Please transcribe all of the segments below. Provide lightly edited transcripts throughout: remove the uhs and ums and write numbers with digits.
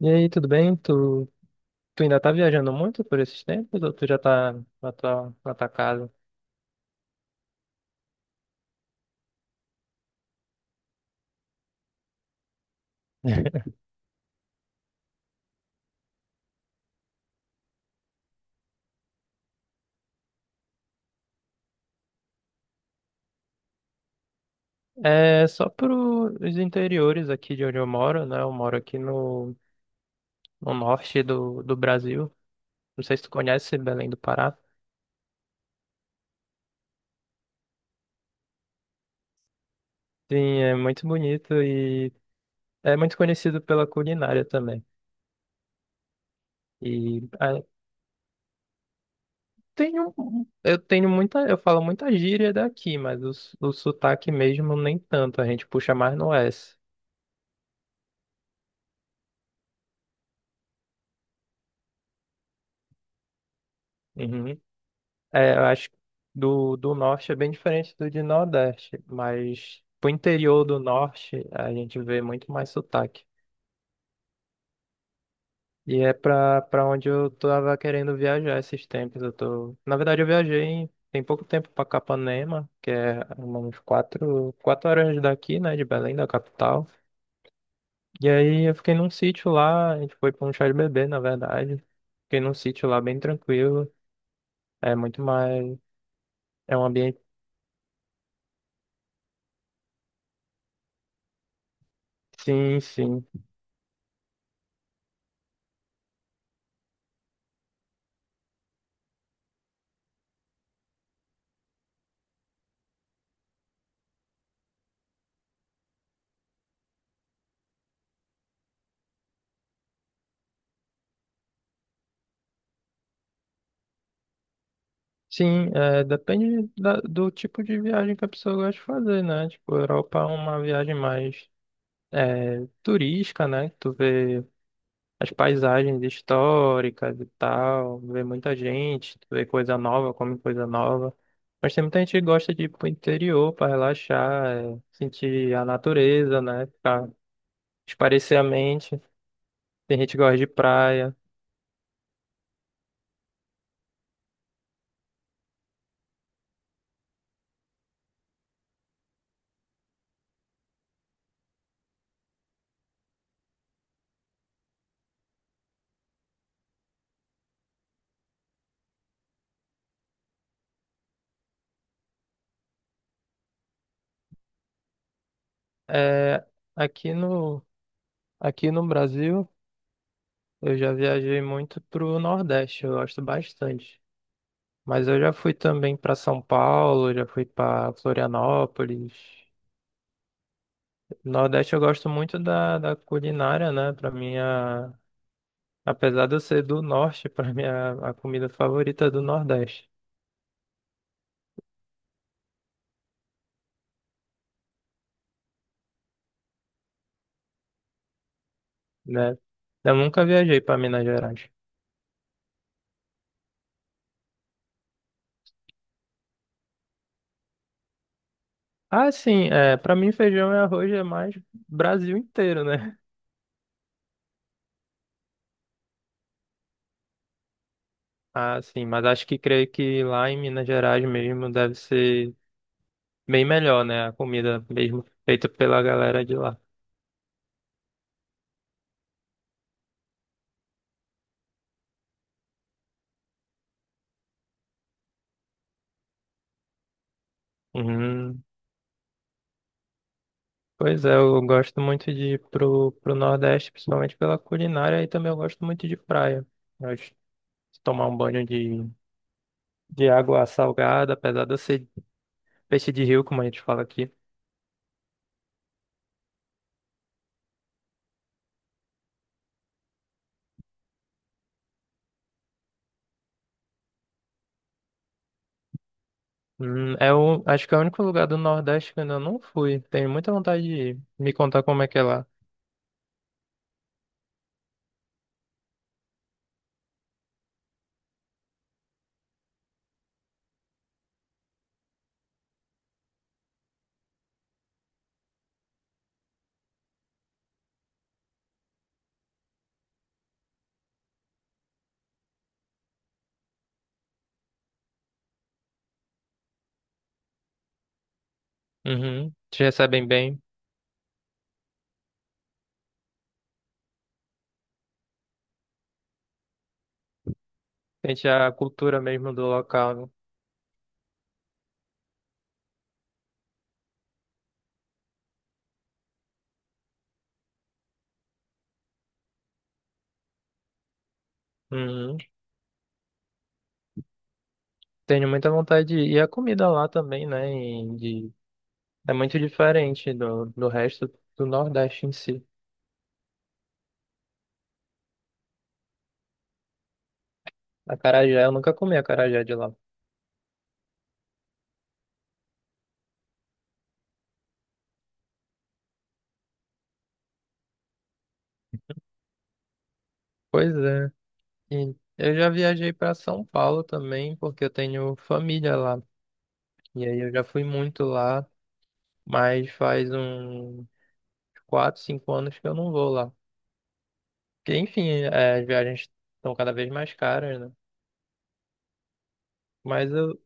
E aí, tudo bem? Tu ainda tá viajando muito por esses tempos ou tu já tá na tua casa? É só pros interiores aqui de onde eu moro, né? Eu moro aqui no norte do Brasil. Não sei se tu conhece Belém do Pará. Sim, é muito bonito e é muito conhecido pela culinária também. E ah, tenho, eu falo muita gíria daqui, mas o sotaque mesmo nem tanto, a gente puxa mais no S. É, eu acho que do norte é bem diferente do de nordeste, mas pro interior do norte a gente vê muito mais sotaque. E é pra onde eu tava querendo viajar esses tempos. Na verdade, eu viajei tem pouco tempo pra Capanema, que é umas quatro horas daqui, né, de Belém, da capital. E aí eu fiquei num sítio lá, a gente foi pra um chá de bebê, na verdade. Fiquei num sítio lá bem tranquilo, é muito mais. É um ambiente. Sim, sim. Sim, é, depende do tipo de viagem que a pessoa gosta de fazer, né? Tipo, a Europa é uma viagem mais turística, né? Tu vê as paisagens históricas e tal, vê muita gente, tu vê coisa nova, come coisa nova. Mas tem muita gente que gosta de ir pro interior para relaxar, sentir a natureza, né? Pra espairecer a mente. Tem gente que gosta de praia. É, aqui no, aqui no Brasil. Eu já viajei muito pro Nordeste, eu gosto bastante. Mas eu já fui também para São Paulo, já fui para Florianópolis. Nordeste eu gosto muito da culinária, né? Para mim, apesar de eu ser do Norte, para mim a comida favorita é do Nordeste, né? Eu nunca viajei para Minas Gerais. Ah, sim, para mim feijão e arroz é mais Brasil inteiro, né? Ah, sim, mas acho que creio que lá em Minas Gerais mesmo deve ser bem melhor, né? A comida mesmo feita pela galera de lá. Uhum. Pois é, eu gosto muito de ir pro Nordeste, principalmente pela culinária, e também eu gosto muito de praia. Eu gosto de tomar um banho de água salgada, apesar de eu ser peixe de rio, como a gente fala aqui. Acho que é o único lugar do Nordeste que eu ainda não fui. Tenho muita vontade de ir. Me contar como é que é lá. Uhum. Te recebem bem. Sente a cultura mesmo do local, né? Uhum. Tenho muita vontade de ir. E a comida lá também, né? É muito diferente do resto do Nordeste em si. Acarajé, eu nunca comi acarajé de lá. Pois é. E eu já viajei para São Paulo também, porque eu tenho família lá. E aí eu já fui muito lá, mas faz uns 4, 5 anos que eu não vou lá. Porque, enfim, as viagens estão cada vez mais caras, né? Mas eu,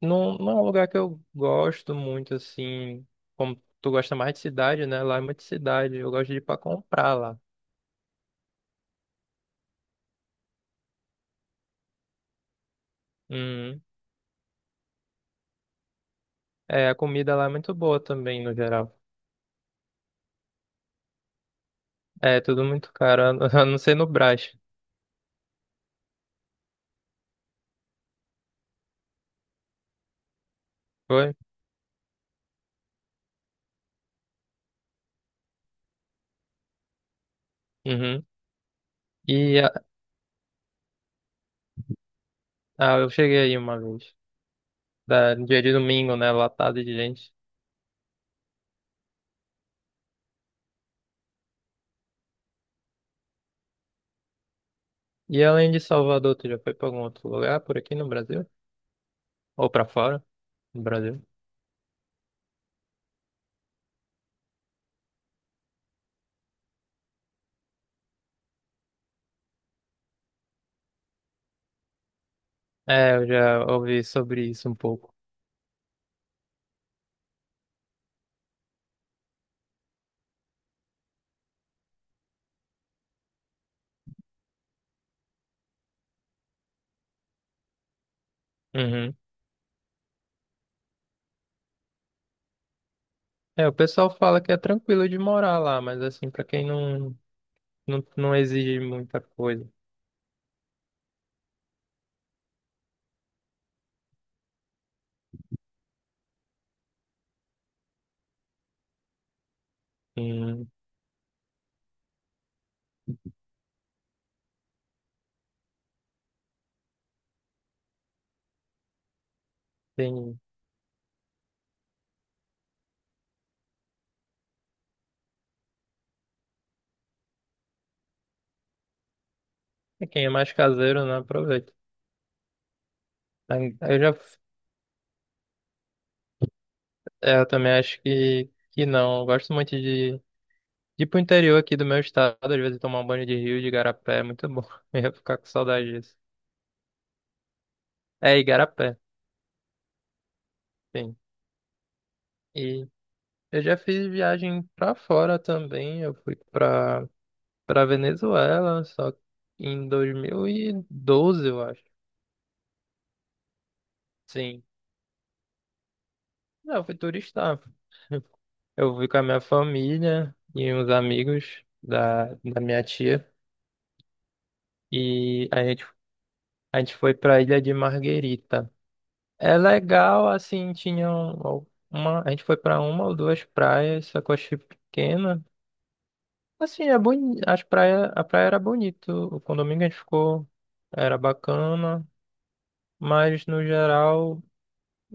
Não, não é um lugar que eu gosto muito, assim. Como tu gosta mais de cidade, né? Lá é muito cidade. Eu gosto de ir pra comprar lá. Uhum. É, a comida lá é muito boa também, no geral. É, tudo muito caro, a não a não ser no Brás. Foi? Uhum. E a- eu cheguei aí uma vez. No dia de domingo, né? Lotado de gente. E além de Salvador, tu já foi pra algum outro lugar por aqui no Brasil? Ou pra fora, no Brasil? É, eu já ouvi sobre isso um pouco. Uhum. É, o pessoal fala que é tranquilo de morar lá, mas assim, pra quem não exige muita coisa, quem, tem- é quem é mais caseiro, né, aproveita. Aí, eu também acho que não. Eu gosto muito de ir pro interior aqui do meu estado, às vezes tomar um banho de rio, de igarapé, é muito bom. Eu ia ficar com saudade disso. É, igarapé, sim. E eu já fiz viagem pra fora também, eu fui pra Venezuela, só em 2012, eu acho. Sim. Não, eu fui turistar. Eu fui com a minha família e uns amigos da minha tia. E a gente foi pra Ilha de Marguerita. É legal, assim, tinha uma. A gente foi pra uma ou duas praias, só que eu achei pequena. Assim, a praia era bonito. O condomínio que a gente ficou era bacana, mas no geral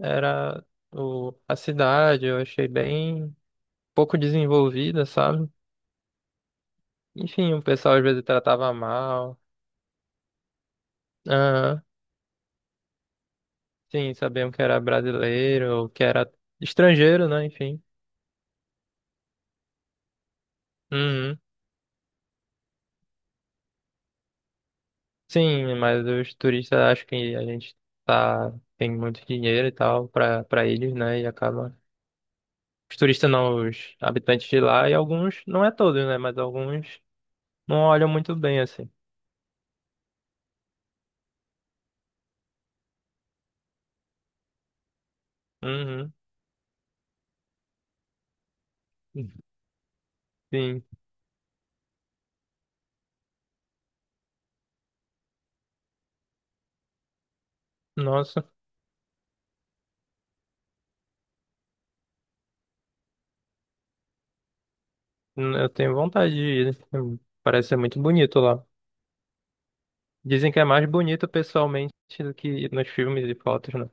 era a cidade, eu achei bem pouco desenvolvida, sabe? Enfim, o pessoal às vezes tratava mal. Aham. Sim, sabiam que era brasileiro, ou que era estrangeiro, né? Enfim. Uhum. Sim, mas os turistas acham que a gente tá, tem muito dinheiro e tal pra eles, né? E acaba. Os turistas não, os habitantes de lá, e alguns, não é todos, né? Mas alguns não olham muito bem assim. Uhum. Sim. Nossa, eu tenho vontade de ir, né. Parece ser muito bonito lá. Dizem que é mais bonito pessoalmente do que nos filmes e fotos, né?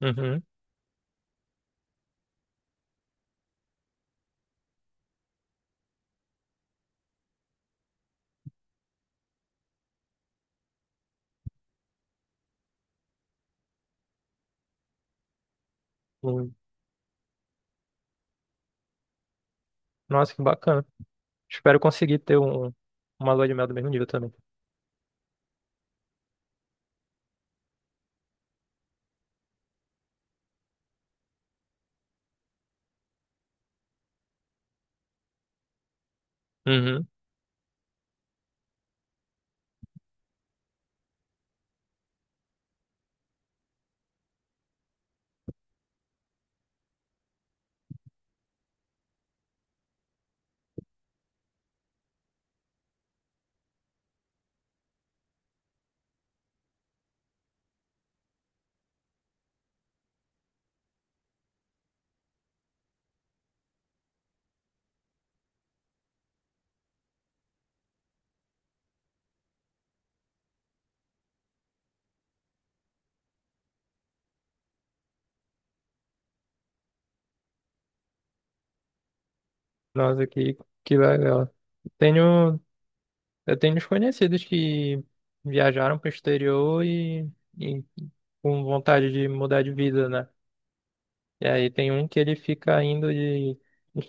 Uhum. Uhum. Nossa, que bacana. Espero conseguir ter uma lua de mel do mesmo nível também. Uhum. Nossa, que legal. Tenho, eu tenho uns conhecidos que viajaram para o exterior e com vontade de mudar de vida, né? E aí tem um que ele fica indo e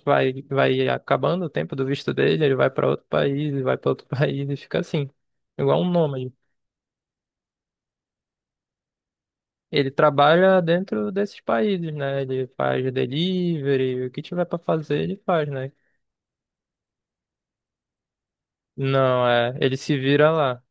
vai acabando o tempo do visto dele, ele vai para outro país, e vai para outro país e fica assim, igual um nômade. Ele trabalha dentro desses países, né? Ele faz delivery, o que tiver pra fazer, ele faz, né? Não, ele se vira lá.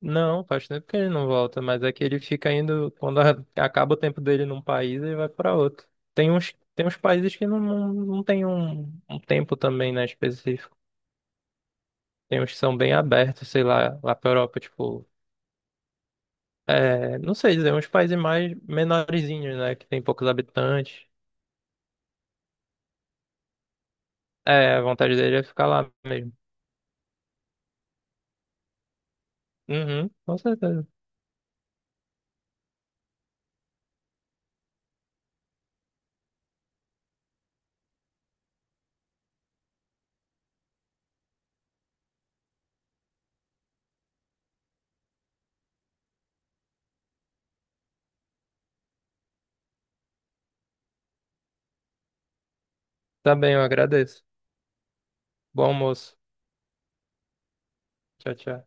Não, faz tempo que ele não volta, mas é que ele fica indo, quando acaba o tempo dele num país, ele vai pra outro. Tem uns países que não tem um tempo também, né, específico. Tem uns que são bem abertos, sei lá, lá pra Europa, tipo, não sei dizer, uns países mais menorzinhos, né, que tem poucos habitantes. É, a vontade dele é ficar lá mesmo. Uhum, com certeza. Tá bem, eu agradeço. Bom almoço. Tchau, tchau.